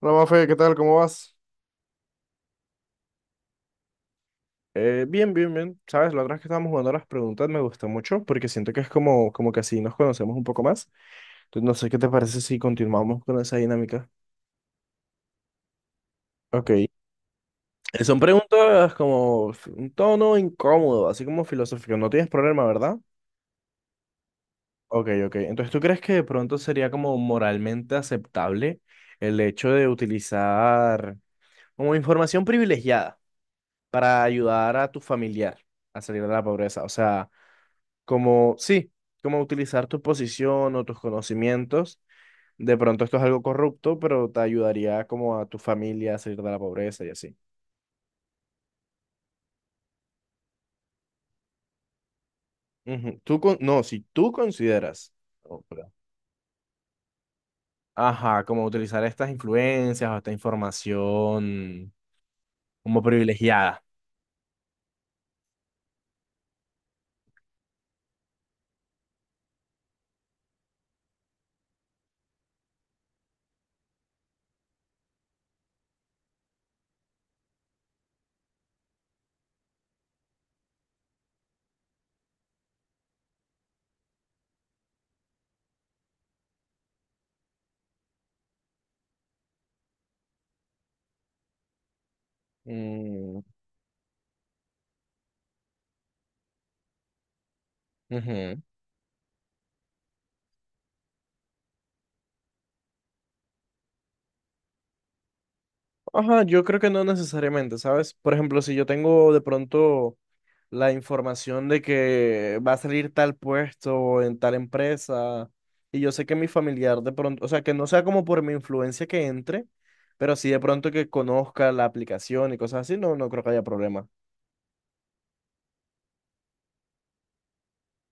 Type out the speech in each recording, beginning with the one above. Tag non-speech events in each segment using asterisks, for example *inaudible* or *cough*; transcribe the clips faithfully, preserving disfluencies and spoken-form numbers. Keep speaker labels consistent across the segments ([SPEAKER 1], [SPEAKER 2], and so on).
[SPEAKER 1] Hola, Mafe, ¿qué tal? ¿Cómo vas? Eh, bien, bien, bien. Sabes, la otra vez que estábamos jugando a las preguntas me gustó mucho porque siento que es como, como que así nos conocemos un poco más. Entonces, no sé qué te parece si continuamos con esa dinámica. Ok. Eh, son preguntas como f- un tono incómodo, así como filosófico. No tienes problema, ¿verdad? Ok, ok. Entonces, ¿tú crees que de pronto sería como moralmente aceptable el hecho de utilizar como información privilegiada para ayudar a tu familiar a salir de la pobreza? O sea, como, sí, como utilizar tu posición o tus conocimientos. De pronto esto es algo corrupto, pero te ayudaría como a tu familia a salir de la pobreza y así. Ujú. Tú con- no, si tú consideras, oh, perdón. Ajá, como utilizar estas influencias o esta información como privilegiada. Mm, ujú. Ajá, yo creo que no necesariamente, ¿sabes? Por ejemplo, si yo tengo de pronto la información de que va a salir tal puesto en tal empresa. Y yo sé que mi familiar de pronto, o sea, que no sea como por mi influencia que entre, pero sí de pronto que conozca la aplicación y cosas así, no, no creo que haya problema.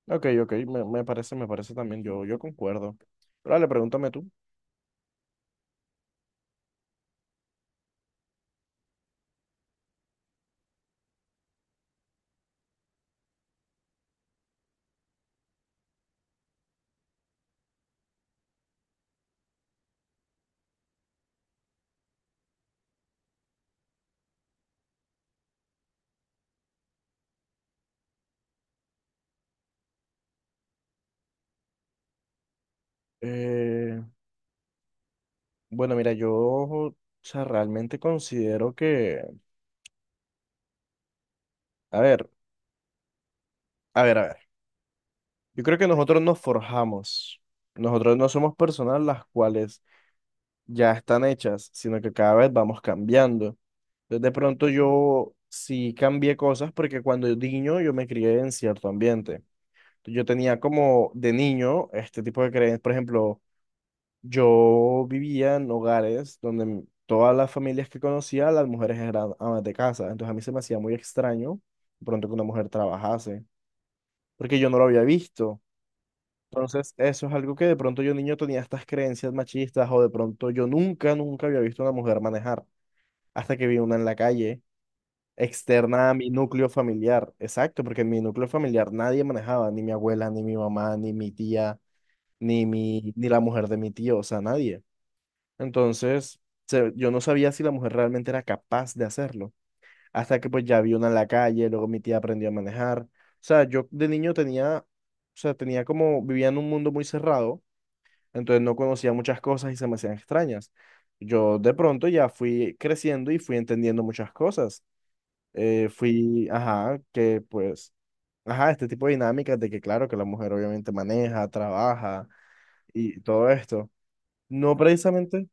[SPEAKER 1] Ok, ok, me, me parece, me parece también, yo, yo concuerdo. Pero dale, pregúntame tú. Eh, bueno, mira, yo, o sea, realmente considero que, a ver, a ver, a ver, yo creo que nosotros nos forjamos. Nosotros no somos personas las cuales ya están hechas, sino que cada vez vamos cambiando. Entonces, de pronto yo sí cambié cosas porque cuando yo niño yo me crié en cierto ambiente. Yo tenía como de niño este tipo de creencias. Por ejemplo, yo vivía en hogares donde m- todas las familias que conocía, las mujeres eran amas de casa. Entonces a mí se me hacía muy extraño de pronto que una mujer trabajase, porque yo no lo había visto. Entonces, eso es algo que de pronto yo niño tenía estas creencias machistas o de pronto yo nunca, nunca había visto a una mujer manejar hasta que vi una en la calle, externa a mi núcleo familiar. Exacto, porque en mi núcleo familiar nadie manejaba, ni mi abuela, ni mi mamá, ni mi tía, ni mi, ni la mujer de mi tío, o sea, nadie. Entonces, se- yo no sabía si la mujer realmente era capaz de hacerlo, hasta que pues ya vi una en la calle, luego mi tía aprendió a manejar. O sea, yo de niño tenía, o sea, tenía como, vivía en un mundo muy cerrado, entonces no conocía muchas cosas y se me hacían extrañas. Yo de pronto ya fui creciendo y fui entendiendo muchas cosas, eh, fui, ajá, que pues, ajá, este tipo de dinámicas de que claro que la mujer obviamente maneja, trabaja y todo esto. No precisamente,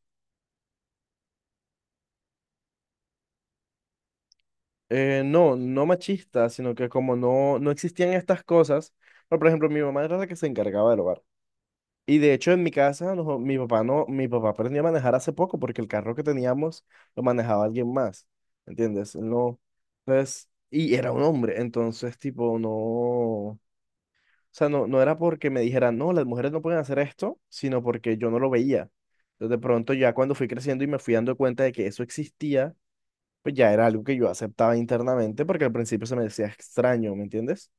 [SPEAKER 1] eh, no, no machista, sino que como no, no existían estas cosas, pero, por ejemplo, mi mamá era la que se encargaba del hogar. Y de hecho en mi casa, no, mi papá no, mi papá aprendió a manejar hace poco porque el carro que teníamos lo manejaba alguien más, ¿entiendes? Él no, entonces, y era un hombre, entonces tipo no. O sea, no, no era porque me dijeran, no, las mujeres no pueden hacer esto, sino porque yo no lo veía. Entonces, de pronto, ya cuando fui creciendo y me fui dando cuenta de que eso existía, pues ya era algo que yo aceptaba internamente, porque al principio se me decía extraño, ¿me entiendes?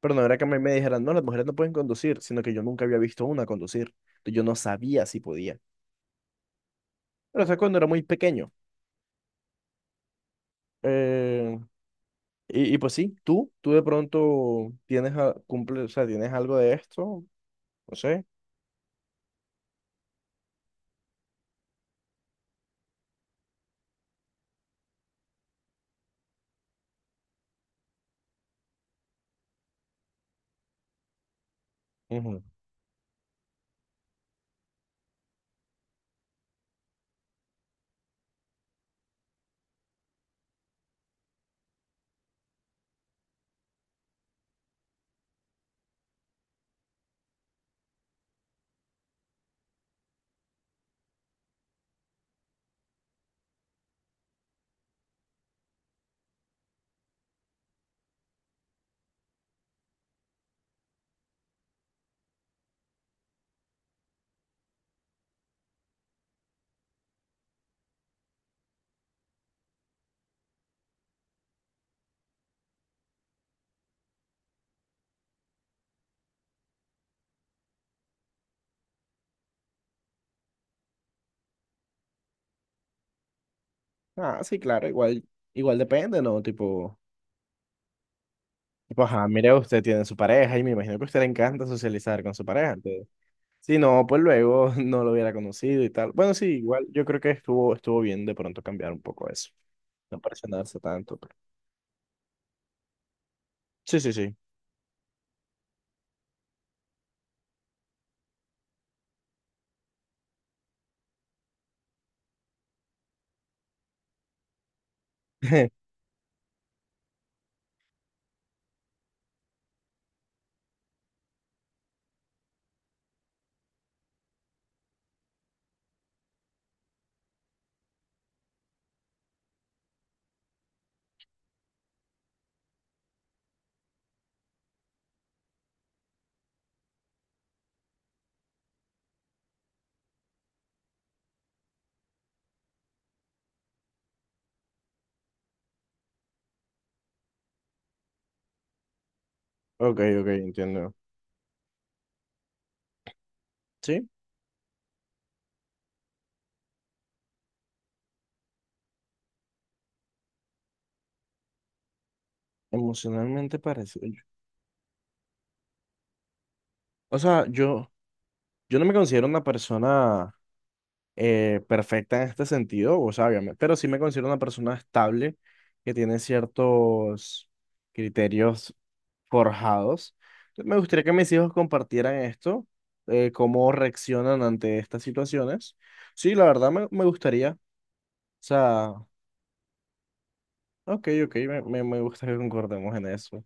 [SPEAKER 1] Pero no era que a mí me dijeran, no, las mujeres no pueden conducir, sino que yo nunca había visto una conducir. Entonces, yo no sabía si podía. Pero eso es cuando era muy pequeño. Eh, y, y pues sí, tú, tú de pronto tienes, a- cumple, o sea, tienes algo de esto, no sé. Ujú. Ah, sí, claro, igual, igual depende, ¿no? Tipo, tipo, ajá, mire, usted tiene su pareja y me imagino que a usted le encanta socializar con su pareja. Entonces, si no, pues luego *laughs* no lo hubiera conocido y tal. Bueno, sí, igual yo creo que estuvo, estuvo bien de pronto cambiar un poco eso. No presionarse tanto, pero... Sí, sí, sí. *laughs* Ok, ok, entiendo. Sí, emocionalmente parecido. O sea, yo, yo no me considero una persona eh, perfecta en este sentido, o sea, obviamente, pero sí me considero una persona estable que tiene ciertos criterios forjados. Me gustaría que mis hijos compartieran esto, eh, cómo reaccionan ante estas situaciones. Sí, la verdad me, me gustaría, o sea, ok, ok, me, me, me gusta que concordemos en eso.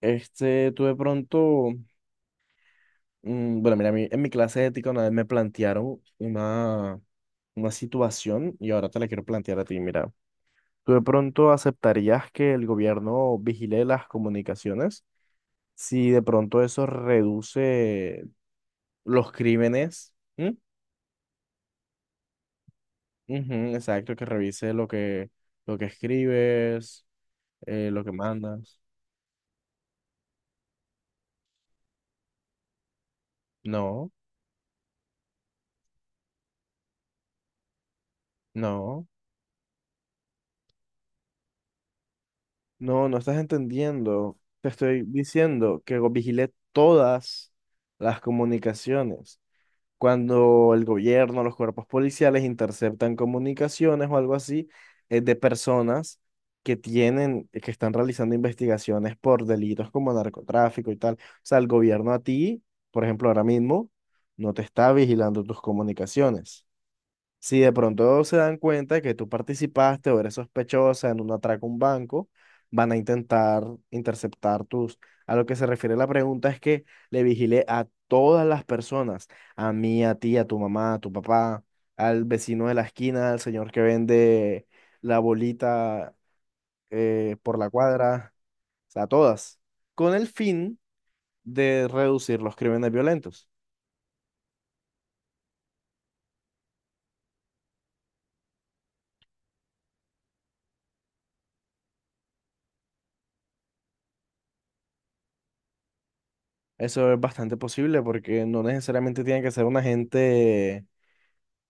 [SPEAKER 1] Este, tú de pronto, mm, bueno, mira, a mí- en mi clase de ética una vez me plantearon una, una situación y ahora te la quiero plantear a ti, mira. ¿Tú de pronto aceptarías que el gobierno vigile las comunicaciones si de pronto eso reduce los crímenes? ¿Mm? Ujú, exacto, que revise lo que, lo que escribes, eh, lo que mandas. No, no, no, no estás entendiendo. Te estoy diciendo que go- vigile todas las comunicaciones. Cuando el gobierno, los cuerpos policiales interceptan comunicaciones o algo así, eh, de personas que tienen, que están realizando investigaciones por delitos como narcotráfico y tal. O sea, el gobierno a ti, por ejemplo, ahora mismo, no te está vigilando tus comunicaciones. Si de pronto se dan cuenta que tú participaste o eres sospechosa en un atraco a un banco, van a intentar interceptar tus... A lo que se refiere la pregunta es que le vigile a todas las personas, a mí, a ti, a tu mamá, a tu papá, al vecino de la esquina, al señor que vende la bolita eh, por la cuadra, o sea, a todas, con el fin de reducir los crímenes violentos. Eso es bastante posible porque no necesariamente tiene que ser un agente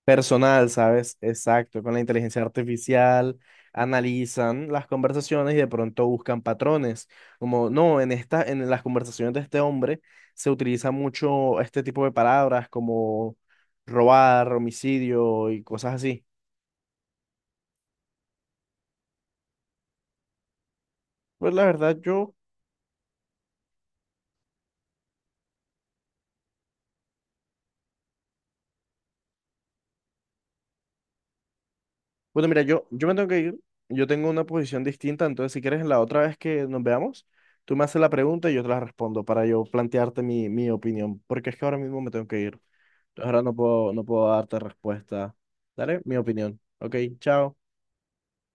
[SPEAKER 1] personal, ¿sabes? Exacto, con la inteligencia artificial analizan las conversaciones y de pronto buscan patrones, como no, en esta, en las conversaciones de este hombre se utiliza mucho este tipo de palabras como robar, homicidio y cosas así. Pues la verdad yo, bueno, mira, yo yo me tengo que ir, yo tengo una posición distinta, entonces si quieres la otra vez que nos veamos, tú me haces la pregunta y yo te la respondo para yo plantearte mi mi opinión, porque es que ahora mismo me tengo que ir. Entonces ahora no puedo, no puedo darte respuesta. Daré mi opinión. Ok, chao.